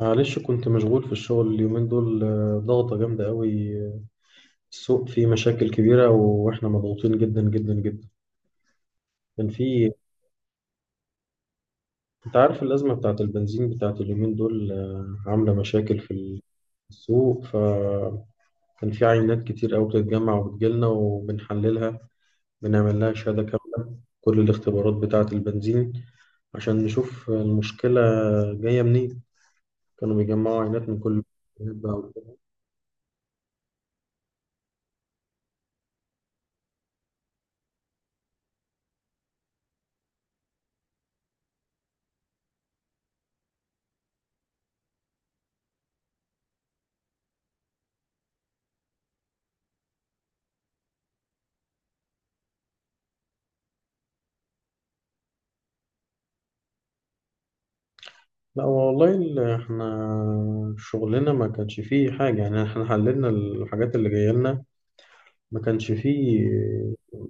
معلش كنت مشغول في الشغل اليومين دول، ضغطة جامدة قوي. السوق فيه مشاكل كبيرة وإحنا مضغوطين جدا جدا جدا. كان في. أنت عارف الأزمة بتاعت البنزين بتاعت اليومين دول، عاملة مشاكل في السوق. فكان في عينات كتير قوي بتتجمع وبتجيلنا وبنحللها، بنعمل لها شهادة كاملة كل الاختبارات بتاعت البنزين عشان نشوف المشكلة جاية منين. كانوا بيجمعوا عينات من كل الجهات بقى. لا والله احنا شغلنا ما كانش فيه حاجة، يعني احنا حللنا الحاجات اللي جاية لنا، ما كانش فيه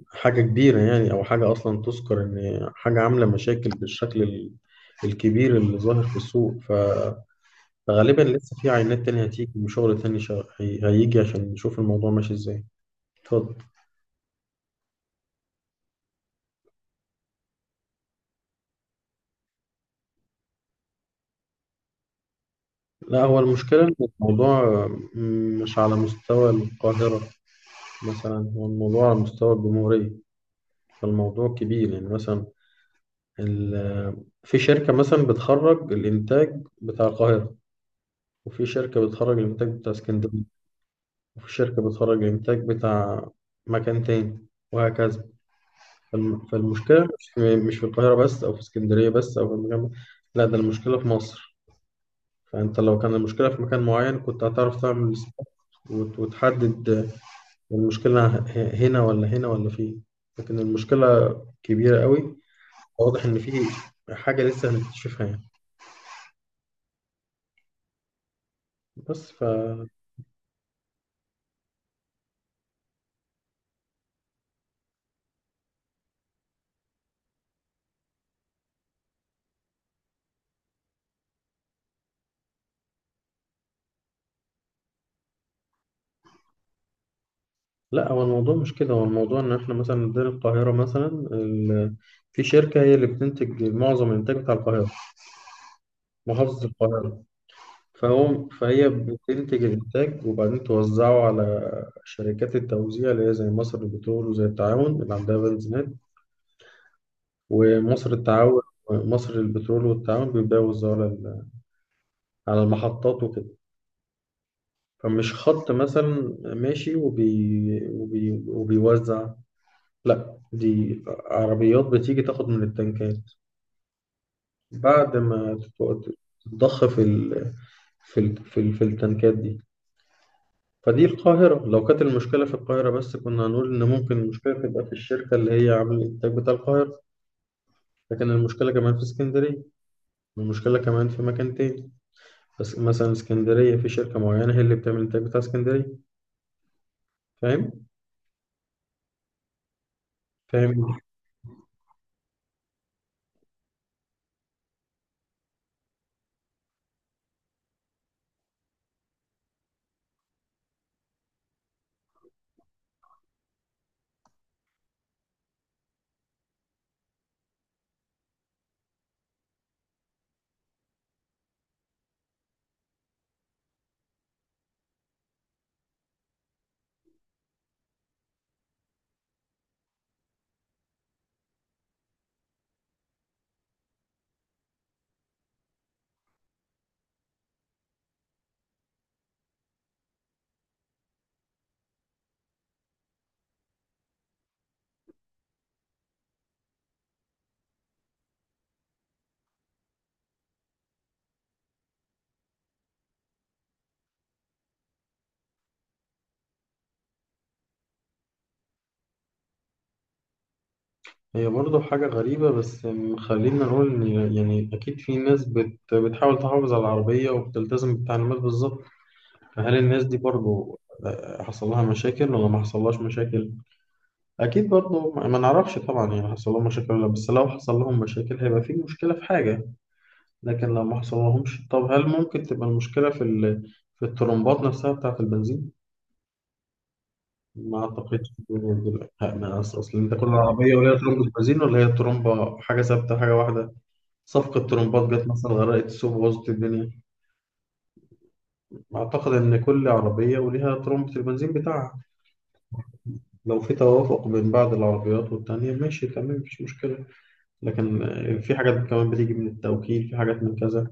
حاجة كبيرة يعني أو حاجة أصلا تذكر إن حاجة عاملة مشاكل بالشكل الكبير اللي ظاهر في السوق. فغالبا لسه في عينات تانية هتيجي وشغل تاني هيجي عشان نشوف الموضوع ماشي إزاي. اتفضل. لا هو المشكلة إن الموضوع مش على مستوى القاهرة، مثلا هو الموضوع على مستوى الجمهورية. فالموضوع كبير، يعني مثلا في شركة مثلا بتخرج الإنتاج بتاع القاهرة، وفي شركة بتخرج الإنتاج بتاع اسكندرية، وفي شركة بتخرج الإنتاج بتاع مكان تاني، وهكذا. فالمشكلة مش في القاهرة بس أو في اسكندرية بس أو في المكان بس. لا ده المشكلة في مصر. فأنت لو كان المشكلة في مكان معين كنت هتعرف تعمل استاد وتحدد المشكلة هنا ولا هنا ولا فين. لكن المشكلة كبيرة قوي. واضح إن في حاجة لسه هنكتشفها يعني. بس ف. لا هو الموضوع مش كده، هو الموضوع ان احنا مثلا عندنا القاهرة مثلا، ال- في شركة هي اللي بتنتج معظم الانتاج بتاع القاهرة، محافظة القاهرة. فهي بتنتج الانتاج وبعدين توزعه على شركات التوزيع اللي هي زي مصر للبترول وزي التعاون اللي عندها بنزينات. ومصر التعاون، مصر للبترول والتعاون بيبدأوا يوزعوا على على المحطات وكده. فمش خط مثلا ماشي وبيوزع. لا دي عربيات بتيجي تاخد من التنكات بعد ما تتضخ في ال... في ال... في, ال... في التنكات دي. فدي القاهرة، لو كانت المشكلة في القاهرة بس كنا هنقول إن ممكن المشكلة تبقى في الشركة اللي هي عاملة الإنتاج بتاع القاهرة، لكن المشكلة كمان في اسكندرية، المشكلة كمان في مكان تاني. بس مثلا اسكندرية في شركة معينة هي اللي بتعمل الإنتاج بتاع اسكندرية. فاهم؟ فاهم. هي برضه حاجة غريبة، بس خلينا نقول إن يعني أكيد في ناس بتحاول تحافظ على العربية وبتلتزم بالتعليمات بالظبط. فهل الناس دي برضو، حصل لها مشاكل ولا ما حصلهاش مشاكل؟ أكيد برضو ما نعرفش طبعا، يعني حصل لهم مشاكل ولا لأ، بس لو حصل لهم مشاكل هيبقى في مشكلة في حاجة. لكن لو ما حصل لهمش، طب هل ممكن تبقى المشكلة في ال... في الترمبات نفسها بتاعة البنزين؟ ما أعتقدش ها، ما أص- أصل أنت كل عربية وليها ترمبة بنزين، ولا هي ترمبة حاجة ثابتة حاجة واحدة؟ صفقة ترمبات جت مثلا غرقت السوق بوظت الدنيا. أعتقد إن كل عربية وليها ترمبة البنزين بتاعها. لو في توافق بين بعض العربيات والتانية ماشي تمام مفيش مشكلة. لكن في حاجات كمان بتيجي من التوكيل، في حاجات من كذا.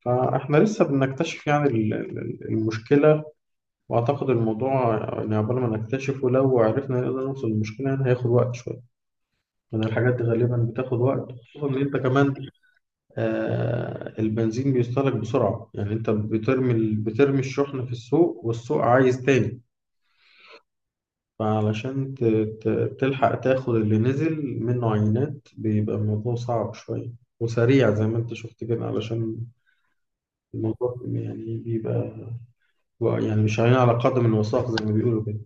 فاحنا لسه بنكتشف يعني المشكلة. وأعتقد الموضوع يعني عقبال ما نكتشفه، لو عرفنا نقدر نوصل للمشكلة، يعني هياخد وقت شوية. لأن الحاجات دي غالبا بتاخد وقت، خصوصا إن أنت كمان البنزين بيستهلك بسرعة. يعني أنت بترمي بترمي الشحن في السوق والسوق عايز تاني. فعلشان تلحق تاخد اللي نزل منه عينات بيبقى الموضوع صعب شوية وسريع، زي ما انت شفت كده، علشان الموضوع يعني بيبقى، يعني مش عينين على قدم الوثاق زي ما بيقولوا كده.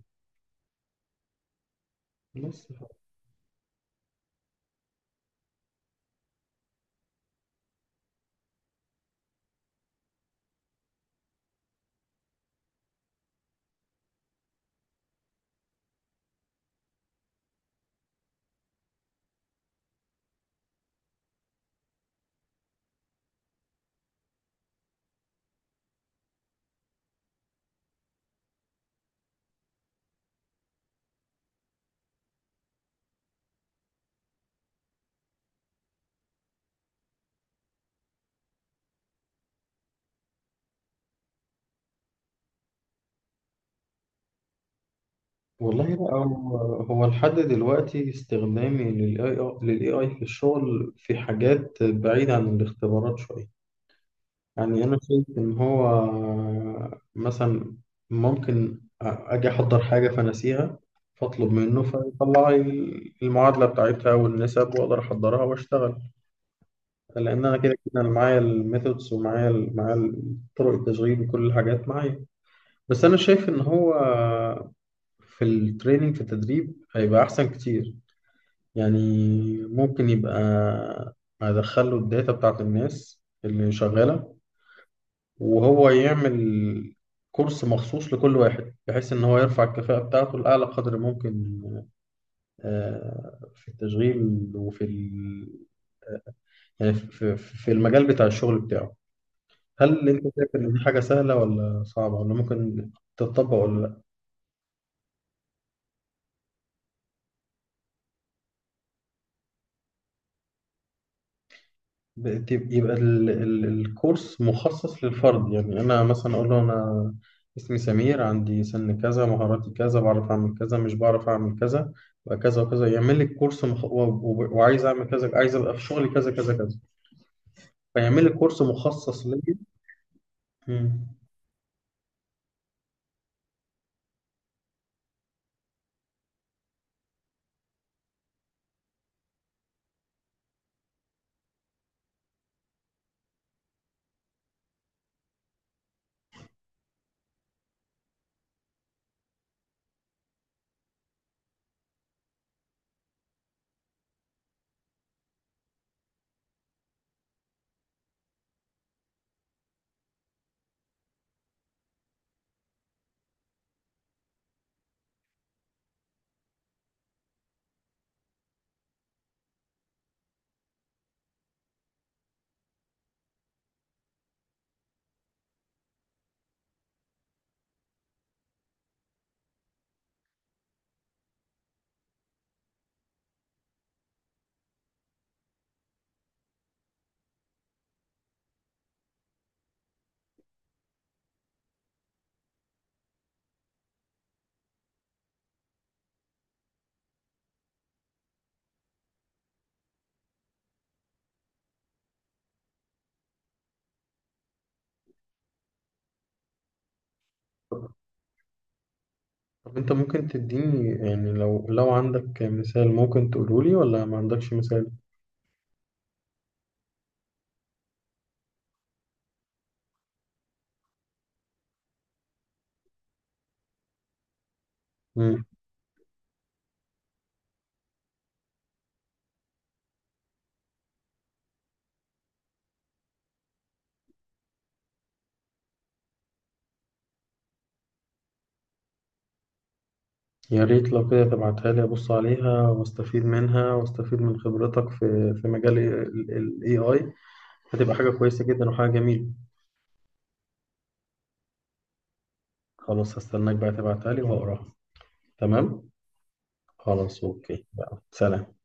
بس والله بقى هو لحد دلوقتي استخدامي للاي اي في الشغل في حاجات بعيدة عن الاختبارات شوية. يعني أنا شايف إن هو مثلا ممكن أجي أحضر حاجة فنسيها، فأطلب منه فيطلع لي المعادلة بتاعتها والنسب وأقدر أحضرها وأشتغل. لأن أنا كده كده أنا معايا الميثودز ومعايا معايا طرق التشغيل وكل الحاجات معايا. بس أنا شايف إن هو في التريننج في التدريب هيبقى أحسن كتير. يعني ممكن يبقى أدخله الداتا بتاعت الناس اللي شغالة، وهو يعمل كورس مخصوص لكل واحد بحيث إن هو يرفع الكفاءة بتاعته لأعلى قدر ممكن، في التشغيل وفي ال... يعني في المجال بتاع الشغل بتاعه. هل أنت شايف إن دي حاجة سهلة ولا صعبة ولا ممكن تتطبق ولا لأ؟ يبقى ال الكورس مخصص للفرد، يعني انا مثلا اقول له انا اسمي سمير عندي سن كذا، مهاراتي كذا، بعرف اعمل كذا، مش بعرف اعمل كذا، وكذا وكذا يعمل لي كورس مخ... و... و... وعايز اعمل كذا، عايز ابقى في شغلي كذا كذا كذا، فيعمل لي كورس مخصص ليا. مم. طب انت ممكن تديني، يعني لو لو عندك مثال ممكن تقوله لي ولا ما عندكش مثال؟ يا ريت لو كده تبعتها لي أبص عليها وأستفيد منها وأستفيد من خبرتك في مجال AI. هتبقى حاجة كويسة جدا وحاجة جميلة. خلاص هستناك بقى تبعتها لي وهقراها. تمام؟ خلاص أوكي، يلا سلام.